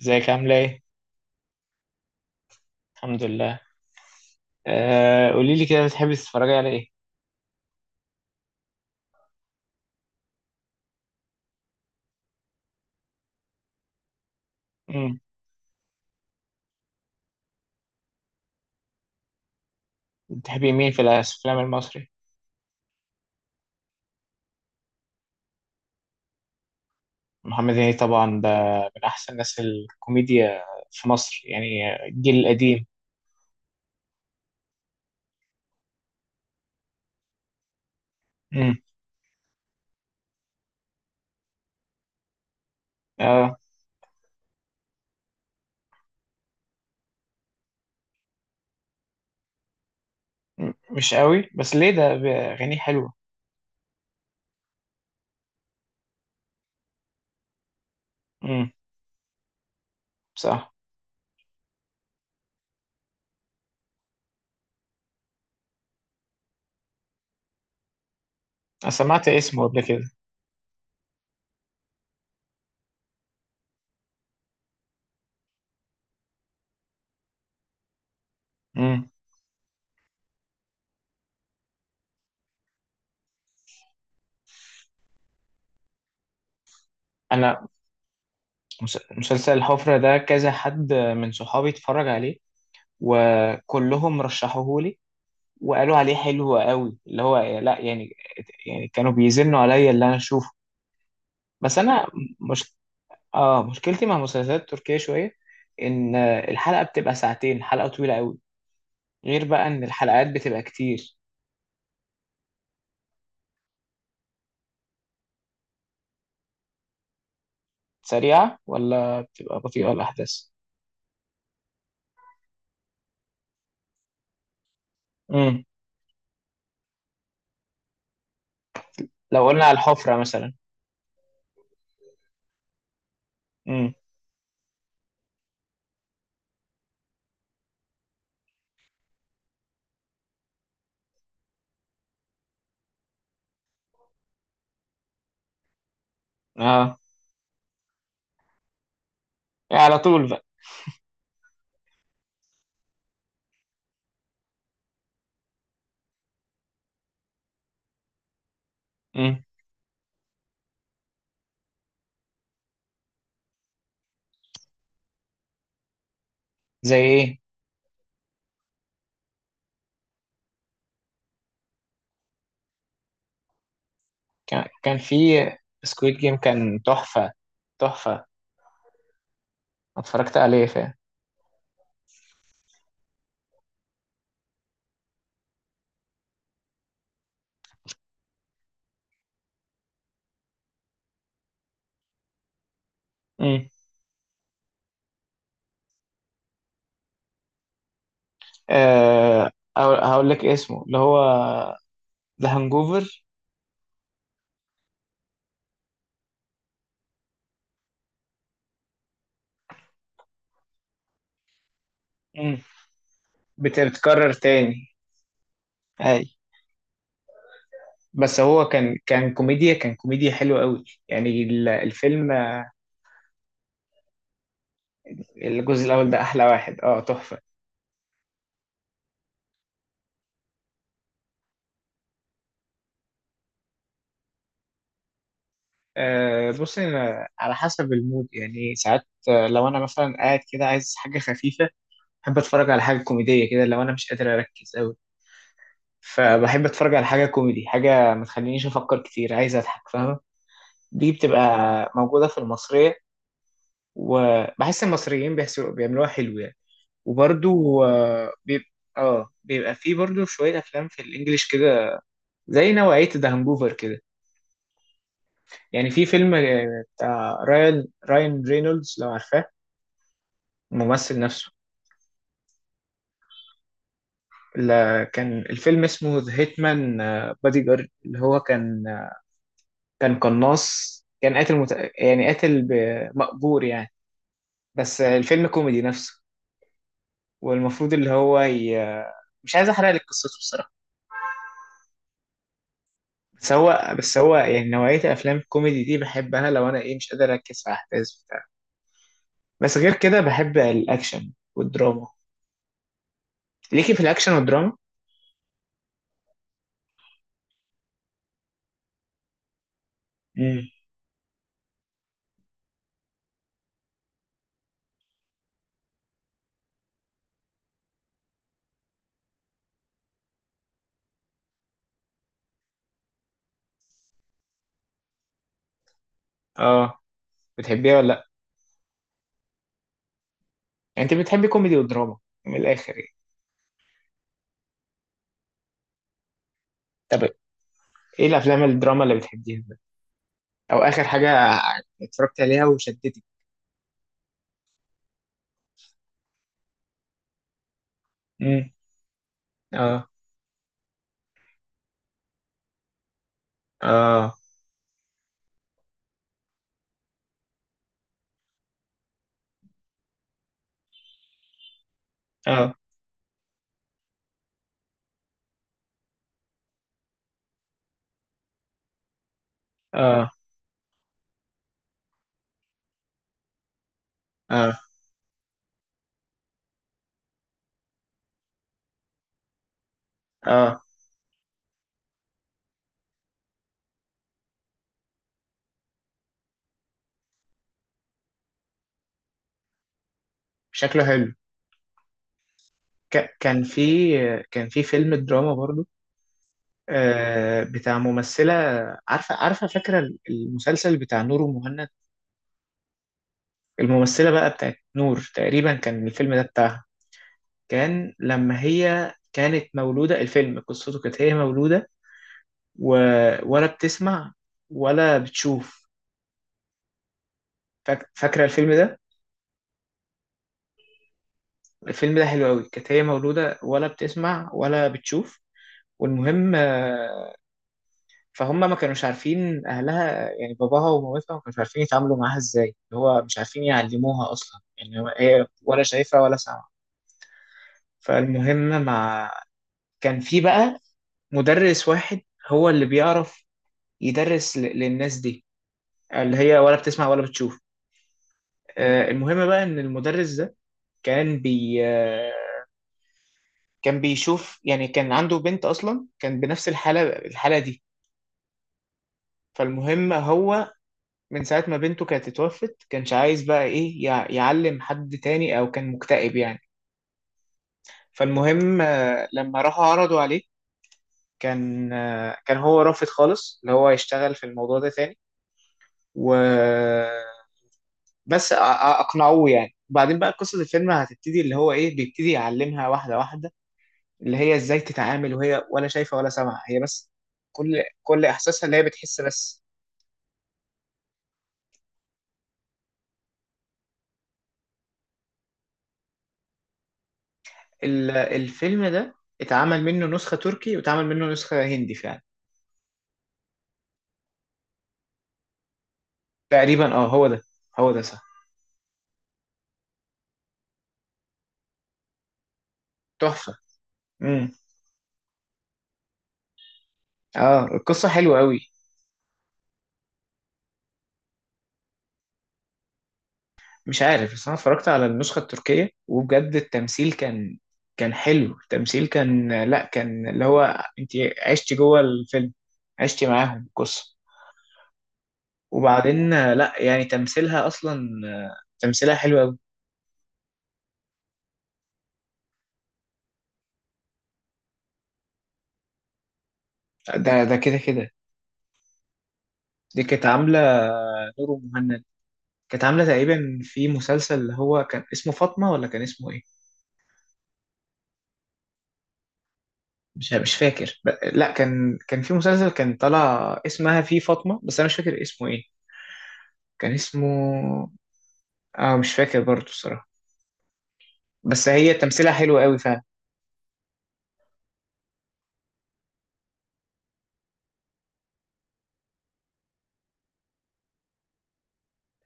ازيك عاملة ايه؟ الحمد لله. قولي لي كده، بتحبي تتفرجي على ايه؟ امم. بتحبي مين في الافلام المصري؟ محمد هنيدي طبعا، ده من احسن ناس الكوميديا في مصر يعني، الجيل القديم. امم. اه. مش قوي، بس ليه ده؟ اغانيه حلوة. امم. صح. انا سمعت اسمه قبل كده. امم. انا مسلسل الحفرة ده كذا حد من صحابي اتفرج عليه، وكلهم رشحوه لي، وقالوا عليه حلو قوي، اللي هو لا يعني، يعني كانوا بيزنوا عليا اللي انا اشوفه. بس انا مش اه مشكلتي مع المسلسلات التركية شوية، ان الحلقة بتبقى ساعتين، حلقة طويلة قوي، غير بقى ان الحلقات بتبقى كتير. سريعة ولا بتبقى بطيئة الاحداث؟ امم. لو قلنا على الحفرة مثلا. امم. اه، يعني على طول بقى. امم. زي ايه؟ كان في سكويد جيم، كان تحفة. تحفة. اتفرجت عليه، فاهم. امم. آه هقول لك اسمه، اللي هو ذا هانجوفر. بتكرر تاني. اي. بس هو كان كان كوميديا حلوة قوي يعني الفيلم. الجزء الأول ده أحلى واحد، اه، تحفة. بص، أنا على حسب المود يعني، ساعات لو أنا مثلا قاعد كده عايز حاجة خفيفة، بحب أتفرج على حاجة كوميدية كده. لو أنا مش قادر أركز قوي، فبحب أتفرج على حاجة كوميدي، حاجة ما تخلينيش أفكر كتير، عايز أضحك فاهمة؟ دي بتبقى موجودة في المصرية، وبحس المصريين بيعملوها حلو يعني. وبرضو بيبقى فيه برضو شوية أفلام في الإنجليش كده، زي نوعية ذا هانجوفر كده. يعني في فيلم بتاع رايان رينولدز، لو عارفاه، الممثل نفسه. كان الفيلم اسمه ذا هيتمان بادي جارد، اللي هو كان كان قناص، كان قاتل يعني قاتل مأجور يعني. بس الفيلم كوميدي نفسه، والمفروض اللي هو مش عايز احرق لك قصته. بس هو يعني نوعية الأفلام الكوميدي دي بحبها لو أنا إيه، مش قادر أركز في أحداث بتاع. بس غير كده بحب الأكشن والدراما. ليكي في الأكشن والدراما؟ امم. آه بتحبيها ولا لأ؟ يعني أنت بتحبي كوميدي ودراما، من الآخر يعني. طب إيه الأفلام الدراما اللي بتحبيها بقى؟ أو آخر حاجة اتفرجت عليها وشدتك؟ امم. آه، آه، آه، آه، آه، آه. شكله حلو. ك- كان في كان في فيلم دراما برضو بتاع ممثلة. عارفة عارفة فاكرة المسلسل بتاع نور ومهند؟ الممثلة بقى بتاعت نور، تقريبا كان الفيلم ده بتاعها. كان لما هي كانت مولودة، الفيلم قصته كانت هي مولودة و... ولا بتسمع ولا بتشوف. فاكرة الفيلم ده؟ الفيلم ده حلو قوي، كانت هي مولودة ولا بتسمع ولا بتشوف. والمهم فهم ما كانوش عارفين، اهلها يعني باباها ومامتها ما كانوش عارفين يتعاملوا معاها ازاي، اللي هو مش عارفين يعلموها اصلا، يعني هي ولا شايفه ولا سامعه. فالمهم مع، كان في بقى مدرس واحد، هو اللي بيعرف يدرس للناس دي اللي هي ولا بتسمع ولا بتشوف. المهم بقى ان المدرس ده كان بي آه، كان بيشوف يعني، كان عنده بنت اصلا كان بنفس الحاله دي. فالمهم هو من ساعة ما بنته كانت اتوفت، كانش عايز بقى ايه يعلم حد تاني، او كان مكتئب يعني. فالمهم لما راحوا عرضوا عليه، كان هو رافض خالص اللي هو يشتغل في الموضوع ده تاني، و بس اقنعوه يعني. وبعدين بقى قصة الفيلم هتبتدي، اللي هو ايه، بيبتدي يعلمها واحدة واحدة اللي هي ازاي تتعامل وهي ولا شايفة ولا سامعة، هي بس كل احساسها اللي هي بتحس بس. الفيلم ده اتعمل منه نسخة تركي واتعمل منه نسخة هندي فعلا. تقريبا اه، هو ده، هو ده صح. تحفة. امم. اه، القصة حلوة قوي. مش عارف، بس انا اتفرجت على النسخة التركية، وبجد التمثيل كان حلو، التمثيل كان لا كان اللي هو، انت عشتي جوه الفيلم، عشتي معاهم القصة. وبعدين لا يعني تمثيلها اصلا تمثيلها حلو قوي. ده كده كده، دي كانت عاملة نور مهند، كانت عاملة تقريبا في مسلسل اللي هو كان اسمه فاطمة، ولا كان اسمه ايه؟ مش فاكر لا، كان في مسلسل كان طالع اسمها فيه فاطمة، بس انا مش فاكر اسمه ايه. كان اسمه، اه مش فاكر برضه الصراحة، بس هي تمثيلها حلو قوي فعلا.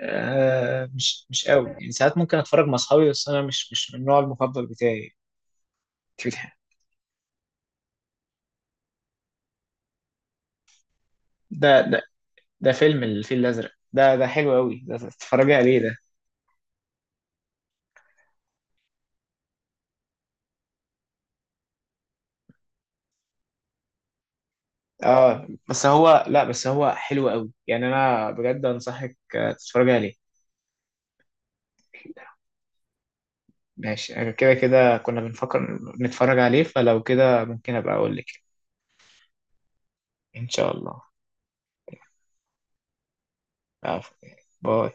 مش قوي يعني، ساعات ممكن اتفرج مع اصحابي، بس انا مش من النوع المفضل بتاعي. ده ده ده فيلم الفيل الازرق، ده حلو قوي، ده تتفرجي عليه ده. اه، بس هو لا بس هو حلو قوي يعني، انا بجد انصحك تتفرجي عليه. ماشي، كده كده كنا بنفكر نتفرج عليه، فلو كده ممكن ابقى اقول لك. ان شاء الله. عفوا. باي.